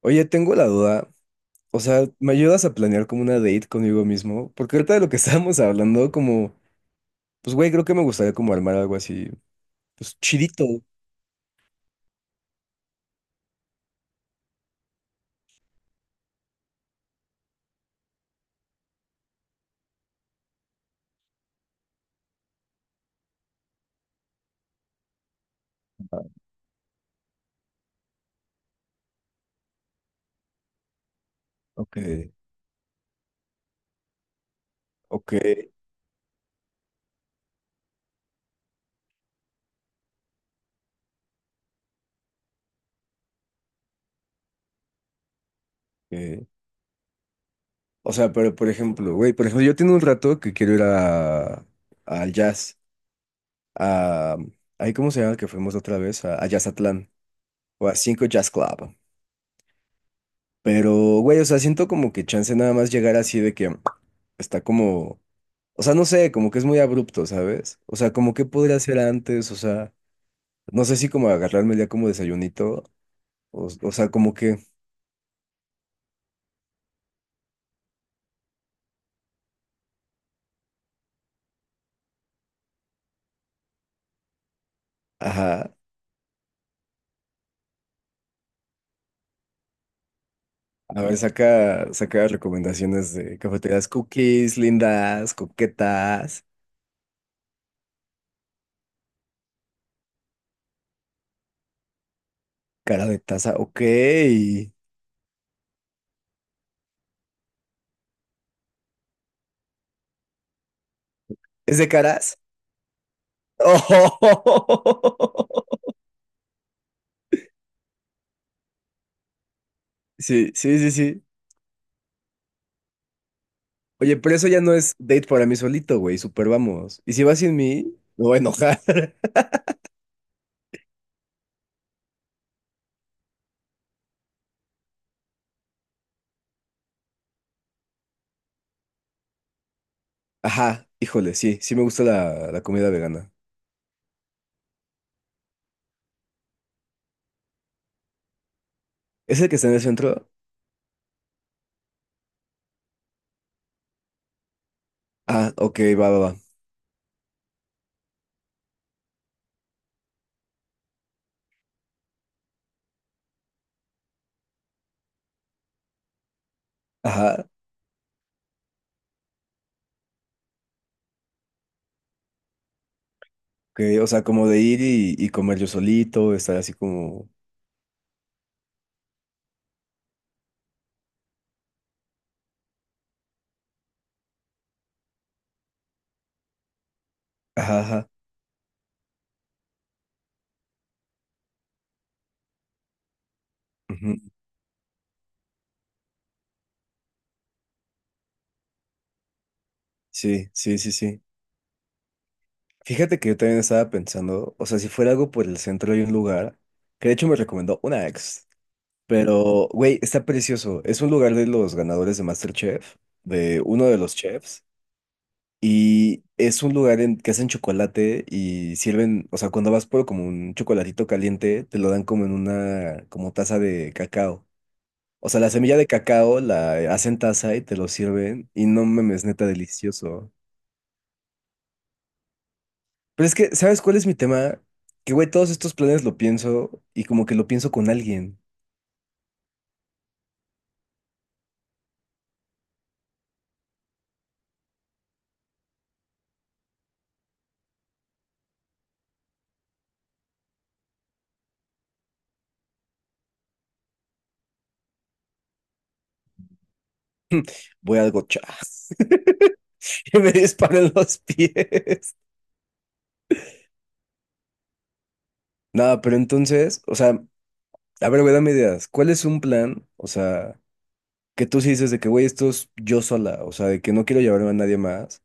Oye, tengo la duda. O sea, ¿me ayudas a planear como una date conmigo mismo? Porque ahorita de lo que estábamos hablando, como, pues güey, creo que me gustaría como armar algo así, pues chidito. Ok, ok, ok. O sea, pero por ejemplo, güey, por ejemplo, yo tengo un rato que quiero ir al jazz, a, ahí cómo se llama que fuimos la otra vez, a Jazzatlán, o a Cinco Jazz Club. Pero, güey, o sea, siento como que chance nada más llegar así de que está como. O sea, no sé, como que es muy abrupto, ¿sabes? O sea, como que podría hacer antes, o sea, no sé si como agarrarme ya como desayunito, o sea, como que, ajá, a ver, saca recomendaciones de cafeterías cookies, lindas, coquetas, cara de taza, ok. ¿Es de caras? Sí, sí, sí, sí. Oye, pero eso ya no es date para mí solito, güey, super vamos. Y si vas sin mí, me voy a enojar. Ajá, híjole, sí, sí me gusta la comida vegana. ¿Es el que está en el centro? Ah, ok, va, va, va. Ajá, ok, o sea, como de ir y comer yo solito, estar así como... Ajá, ajá. Ujú, sí, sí, sí, sí. Fíjate que yo también estaba pensando, o sea, si fuera algo por el centro hay un lugar, que de hecho me recomendó una ex, pero, güey, está precioso. Es un lugar de los ganadores de MasterChef, de uno de los chefs. Y es un lugar en que hacen chocolate y sirven, o sea, cuando vas por como un chocolatito caliente, te lo dan como en una, como taza de cacao. O sea, la semilla de cacao la hacen taza y te lo sirven y no mames, neta delicioso. Pero es que, ¿sabes cuál es mi tema? Que, güey, todos estos planes lo pienso y como que lo pienso con alguien. Voy al gocha. Y me disparan los pies. Nada, pero entonces, o sea, a ver, güey, dame ideas. ¿Cuál es un plan? O sea... que tú sí dices de que, güey, esto es yo sola, o sea, de que no quiero llevarme a nadie más.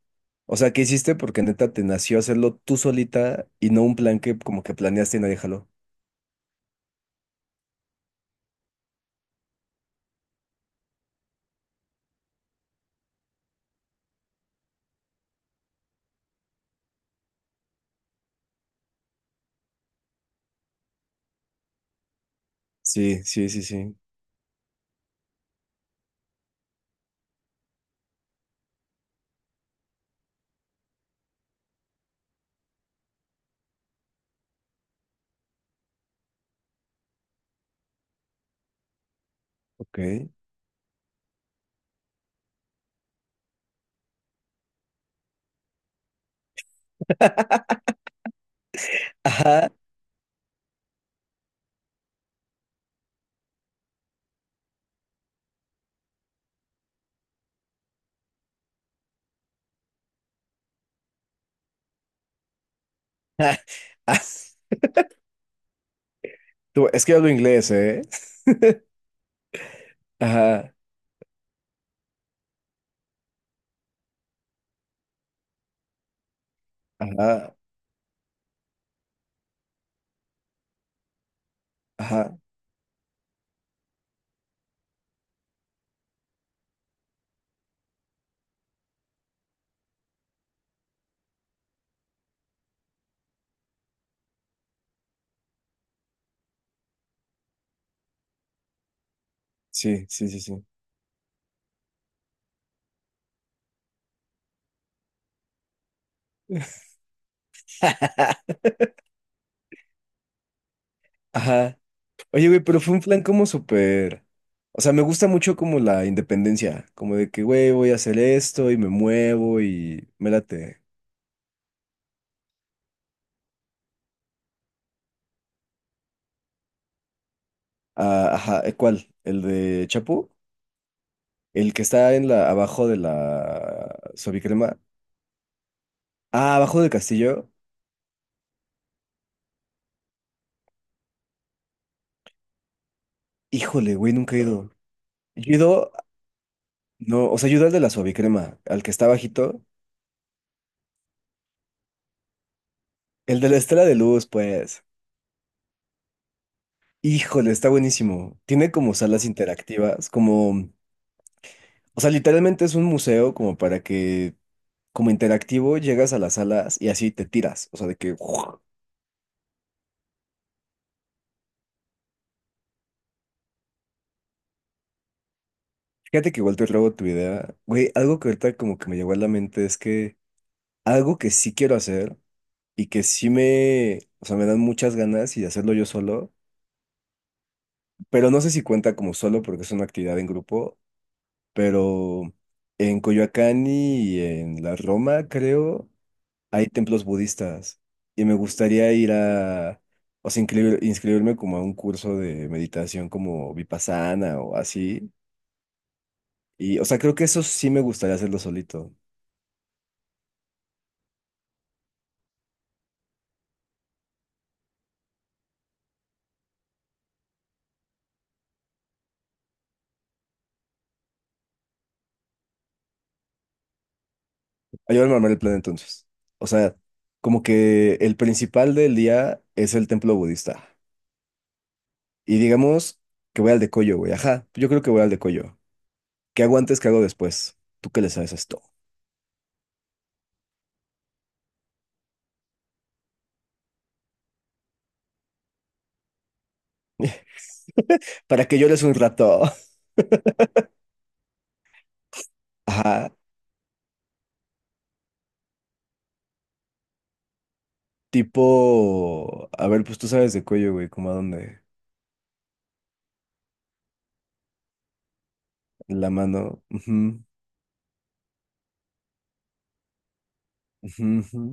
O sea, ¿qué hiciste? Porque neta te nació hacerlo tú solita y no un plan que como que planeaste y nadie jaló. Sí, sí, sí, sí. Ok. Ajá. Ah, tú, es que yo hablo inglés, ¿eh? Ajá, ajá, ajá. Sí, sí, sí, sí. Ajá. Oye, güey, pero fue un plan como súper. O sea, me gusta mucho como la independencia, como de que, güey, voy a hacer esto y me muevo y me late. Ah, ajá, ¿eh, ¿cuál? ¿El de Chapu? El que está en la, abajo de la suavicrema. Ah, abajo del castillo. Híjole, güey, nunca he ido. Yo he ido, no, o sea, yo he ido al de la suavicrema, al que está bajito. El de la estela de luz, pues. Híjole, está buenísimo. Tiene como salas interactivas, como, o sea, literalmente es un museo como para que, como interactivo, llegas a las salas y así te tiras. O sea, de que, ¡guau! Fíjate que igual te robo tu idea. Güey, algo que ahorita como que me llegó a la mente es que algo que sí quiero hacer y que sí me, o sea, me dan muchas ganas y de hacerlo yo solo, pero no sé si cuenta como solo porque es una actividad en grupo, pero en Coyoacán y en la Roma, creo, hay templos budistas y me gustaría ir a, o sea, inscribirme como a un curso de meditación como Vipassana o así. Y, o sea, creo que eso sí me gustaría hacerlo solito. Ayúdame a armar el plan entonces. O sea, como que el principal del día es el templo budista. Y digamos que voy al de Coyo, güey. Ajá, yo creo que voy al de Coyo. ¿Qué hago antes? ¿Qué hago después? ¿Tú qué le sabes a esto? Para que llores un rato. Ajá. Tipo, a ver, pues tú sabes de Coyo, güey, como a dónde. La mano. Ujú, ujú, ujú.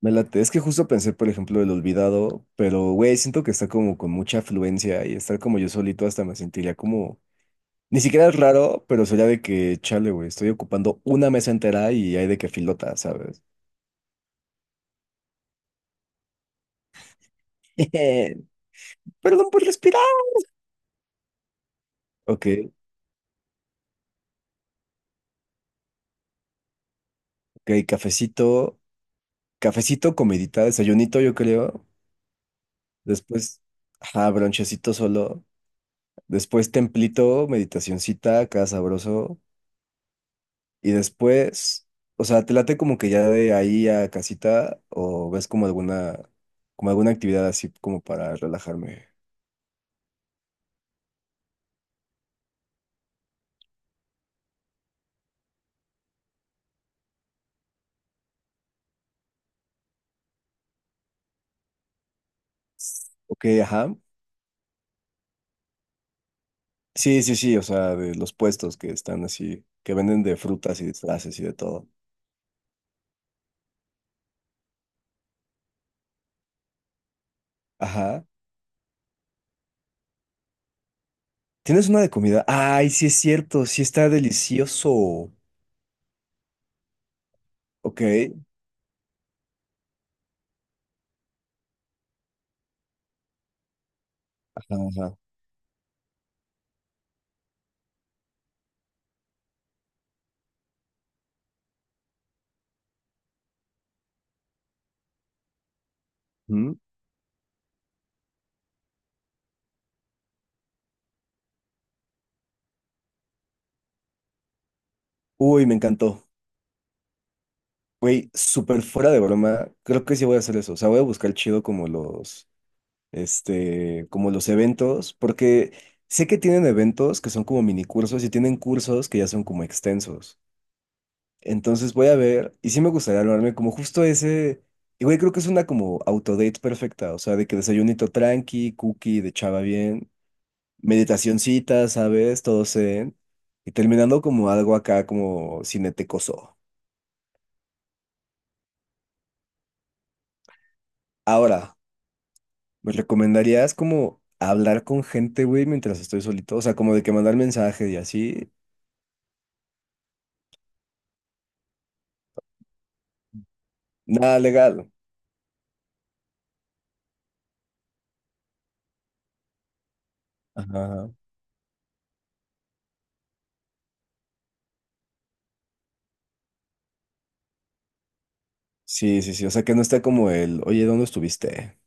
Me late. Es que justo pensé, por ejemplo, el olvidado, pero, güey, siento que está como con mucha afluencia y estar como yo solito hasta me sentiría como. Ni siquiera es raro, pero sería de que, chale, güey, estoy ocupando una mesa entera y hay de que filota, ¿sabes? Perdón por respirar. Ok, ok, cafecito, cafecito, comidita, desayunito, yo creo. Después, ajá, bronchecito solo. Después, templito, meditacioncita, acá sabroso. Y después, o sea, ¿te late como que ya de ahí a casita o ves como alguna actividad así como para relajarme? Ok, ajá. Sí, sí, sí, o sea, de los puestos que están así, que venden de frutas y disfraces y de todo. Ajá. ¿Tienes una de comida? Ay, sí es cierto, sí está delicioso. Ok. Ajá, ajá. Mm. Uy, me encantó. Güey, súper fuera de broma. Creo que sí voy a hacer eso. O sea, voy a buscar chido como los, como los eventos, porque sé que tienen eventos que son como mini cursos y tienen cursos que ya son como extensos. Entonces voy a ver, y sí me gustaría armarme como justo ese, y güey, creo que es una como autodate perfecta, o sea, de que desayunito tranqui, cookie, de chava bien, meditacioncita, ¿sabes? Todo zen, y terminando como algo acá como cinetecoso. Ahora, ¿me recomendarías como hablar con gente, güey, mientras estoy solito? O sea, como de que mandar mensaje y así. Nada legal. Ajá. Sí, sí, sí, o sea, que no está como el, oye, ¿dónde estuviste?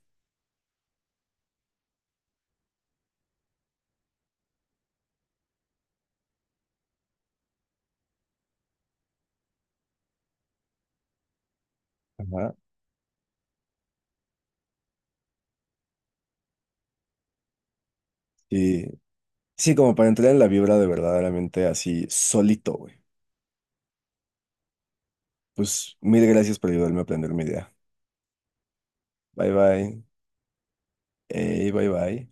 Ajá. Sí. Sí, como para entrar en la vibra de verdaderamente así solito, güey. Pues mil gracias por ayudarme a aprender mi idea. Bye bye. Ey, bye bye.